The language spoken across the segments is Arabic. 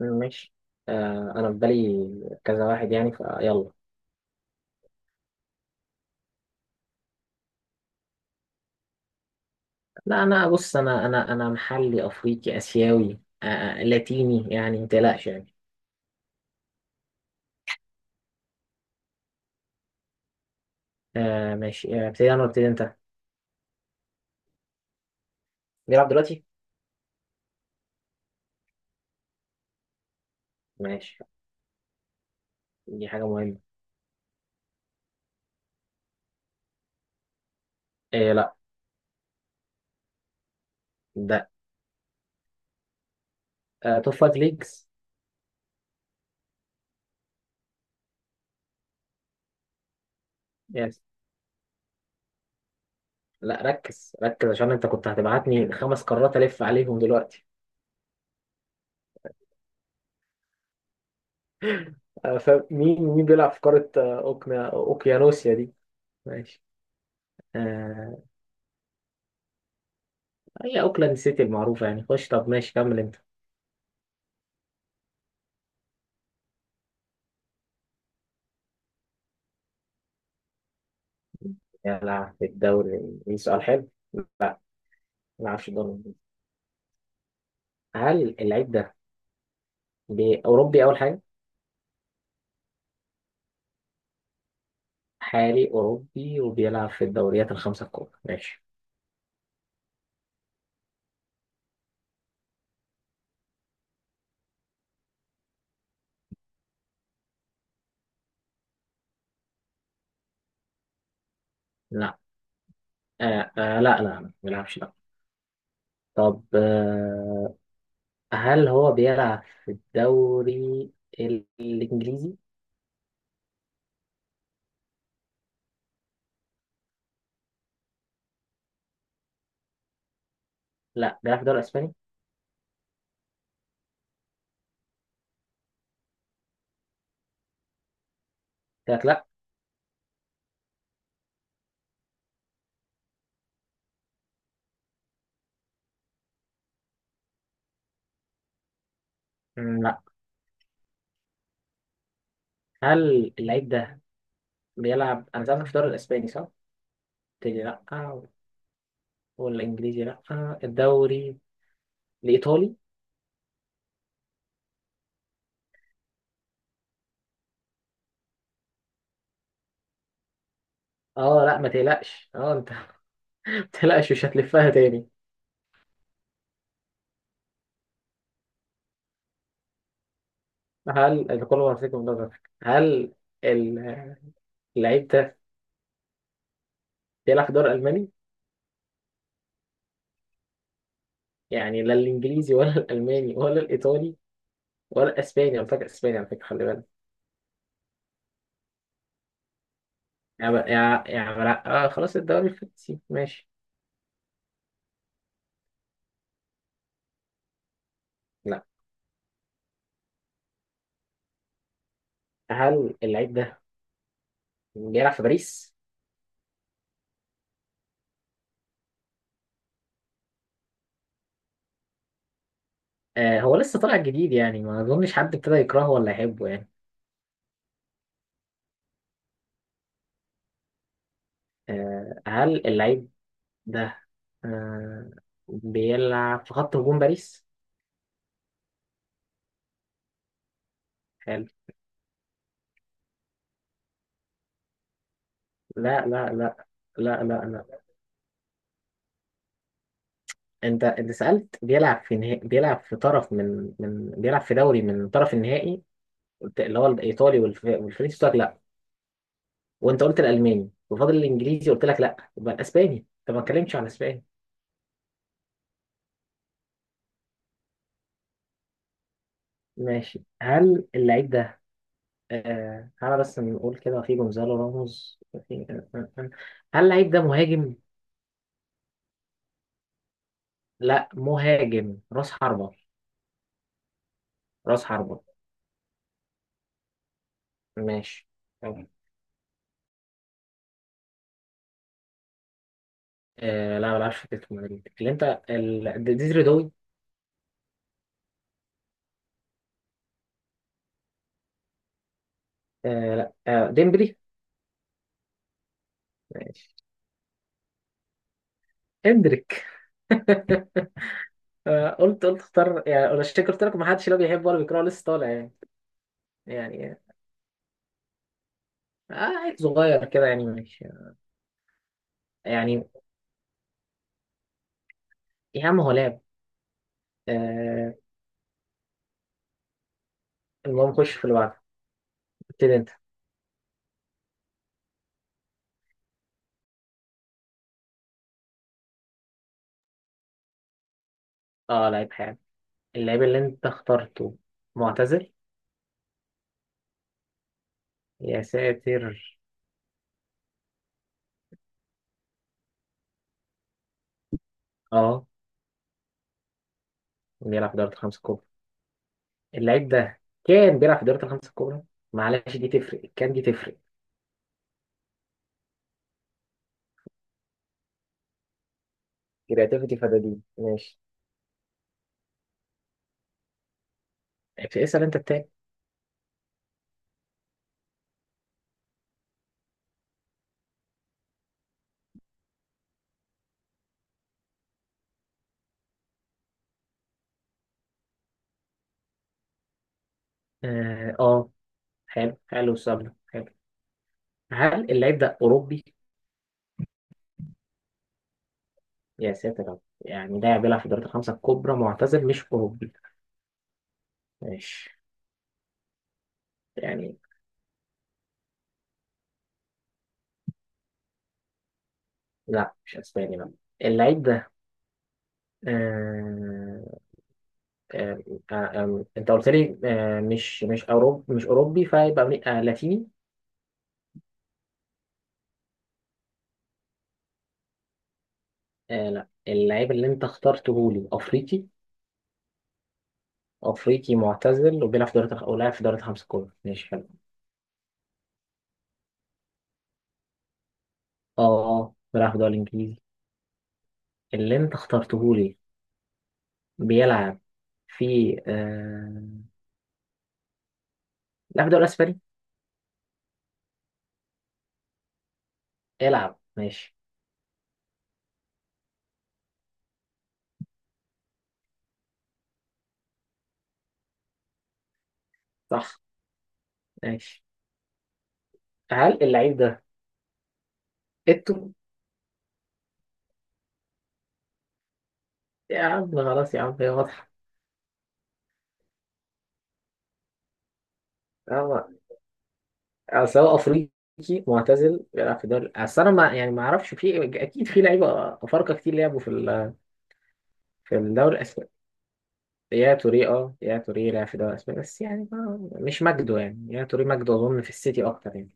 ماشي. انا في بالي كذا واحد، يعني فيلا. لا، انا بص، انا محلي، افريقي، اسيوي، لاتيني يعني، ما تقلقش يعني. آه ماشي، ابتدي انا ولا ابتدي انت؟ بيلعب دلوقتي. ماشي، دي حاجه مهمه. إيه لا. ده آه توب فايف ليجز. يس. لا ركز ركز، عشان انت كنت هتبعتني خمس قارات، الف عليهم دلوقتي. فمين مين بيلعب في قاره اوكيانوسيا دي؟ ماشي. آه، هي اوكلاند سيتي المعروفه يعني، خش طب ماشي كمل انت. يا لا، في الدوري الإنجليزي سؤال حلو. لا، ما أعرفش الدوري الإنجليزي. هل اللعيب ده أوروبي أول حاجة؟ حالي، أوروبي، وبيلعب في الدوريات الخمسة الكبرى، ماشي. لا. آه. لا، ما بيلعبش لا. طب آه، هل هو بيلعب في الدوري الإنجليزي؟ لا، بيلعب في الدوري الإسباني. قلت لك لا. لا. هل اللعيب ده بيلعب؟ أنا سألتك في الدوري الإسباني صح؟ قلت لي لا. والإنجليزي لا. الدوري الإيطالي. اه لا ما تقلقش، اه انت مش هتلفها تاني. هل الكل مرتكب من نظرك؟ هل ال- اللعيب ده بيلعب في دوري ألماني؟ يعني لا الإنجليزي ولا الألماني ولا الإيطالي ولا الأسباني. أنا فاكر أسباني على فكرة، خلي بالك. يعني لا آه، خلاص الدوري الفرنسي ماشي. لا. هل اللعيب ده بيلعب في باريس؟ آه، هو لسه طالع جديد يعني، ما أظنش حد ابتدى يكرهه ولا يحبه يعني. آه، هل اللعيب ده آه بيلعب في خط هجوم باريس؟ حلو. لا. لا. انت سألت بيلعب في بيلعب في طرف من بيلعب في دوري من طرف النهائي، قلت اللي هو الايطالي والفرنسي قلت لك لا، وانت قلت الالماني، وفاضل الانجليزي قلت لك لا، يبقى الاسباني، طب ما اتكلمتش عن الاسباني. ماشي، هل اللعيب ده تعالى بس نقول كده، في جونزالو راموس، في... آه، آه، آه. هل اللعيب ده مهاجم؟ لا، مهاجم راس حربة. راس حربة، ماشي. طب. لا، ما بلعبش في اتلتيكو مدريد، اللي انت ديزري دوي. لا، ديمبلي. هندريك. آه، قلت اختار يعني ولا شكل، قلت لك ما حدش لا بيحب ولا بيكره لسه طالع يعني. يعني. آه، عيل صغير كده يعني ماشي، يعني. يا عم هو لعب آه. المهم خش في اللي بعده، ابتدي انت. اه لعيب حالي. اللعيب اللي انت اخترته معتزل. يا ساتر. اه، بيلعب في دوري الخمسة الكبرى. اللعيب ده كان بيلعب في دوري الخمسة الكبرى، معلش دي تفرق، كان دي تفرق. كرياتيفيتي فدادين ماشي، اسأل انت التاني. اه آه، حلو حلو، السؤال ده حلو. هل اللعيب ده أوروبي؟ يا ساتر يا رب. يعني لاعب بيلعب في الدوريات الخمسة الكبرى، معتزل، مش أوروبي، ماشي، يعني. لا مش أسباني بقى. اللعيب ده آه... آه... أنت قلت لي مش أوروبي، مش أوروبي، فيبقى لاتيني. لا، اللعيب اللي أنت اخترته لي أفريقي. أفريقي، معتزل، وبيلعب في دوريات، أو لاعب في دوريات الخمسة الكبرى، ماشي حلو. أه آه، بيلعب في الدوري الإنجليزي. اللي أنت اخترته لي بيلعب في لا في الدوري الاسباني. العب ماشي. صح. ماشي. هل اللعيب ده إتو؟ يا عم خلاص، يا عم هي واضحة. اه، اصل هو افريقي، معتزل، بيلعب في الدوري، اصل انا ما يعني ما اعرفش، في اكيد في لعيبه افارقه كتير لعبوا في في الدوري الاسباني. يا توري، اه يا توري لعب في الدوري الاسباني بس يعني، ما مش مجده يعني، يا توري مجده اظن في السيتي اكتر يعني.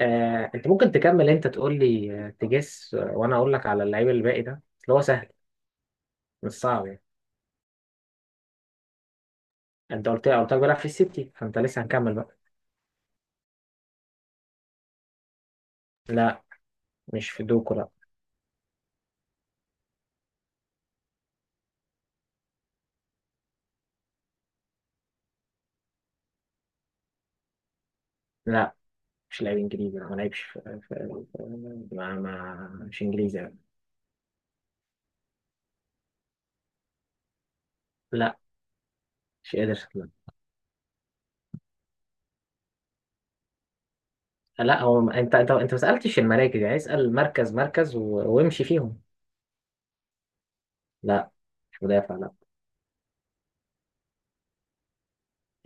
آه، انت ممكن تكمل انت، تقول لي آه، تجس آه، وانا اقول لك على اللعيب الباقي ده، اللي هو سهل، مش صعب يعني. انت قلت لك بيلعب في السيتي، فانت لسه هنكمل بقى. لا، مش في دوكو لا. لا، مش لاعب انجليزي، ما لعبش في... في... في... ما... ما مش انجليزي لا. لا مش قادر. لا لا، هو انت ما سالتش المراكز، يعني اسال مركز مركز وامشي فيهم. لا، مش مدافع لا.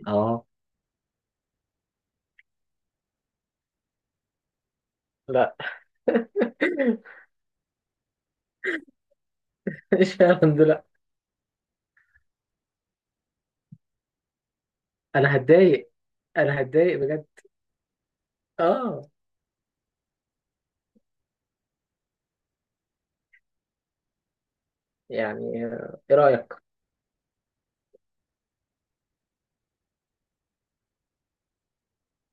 اه. لا. مش هالاند لا. انا هتضايق. انا هتضايق بجد. اه. يعني آه، ايه رايك؟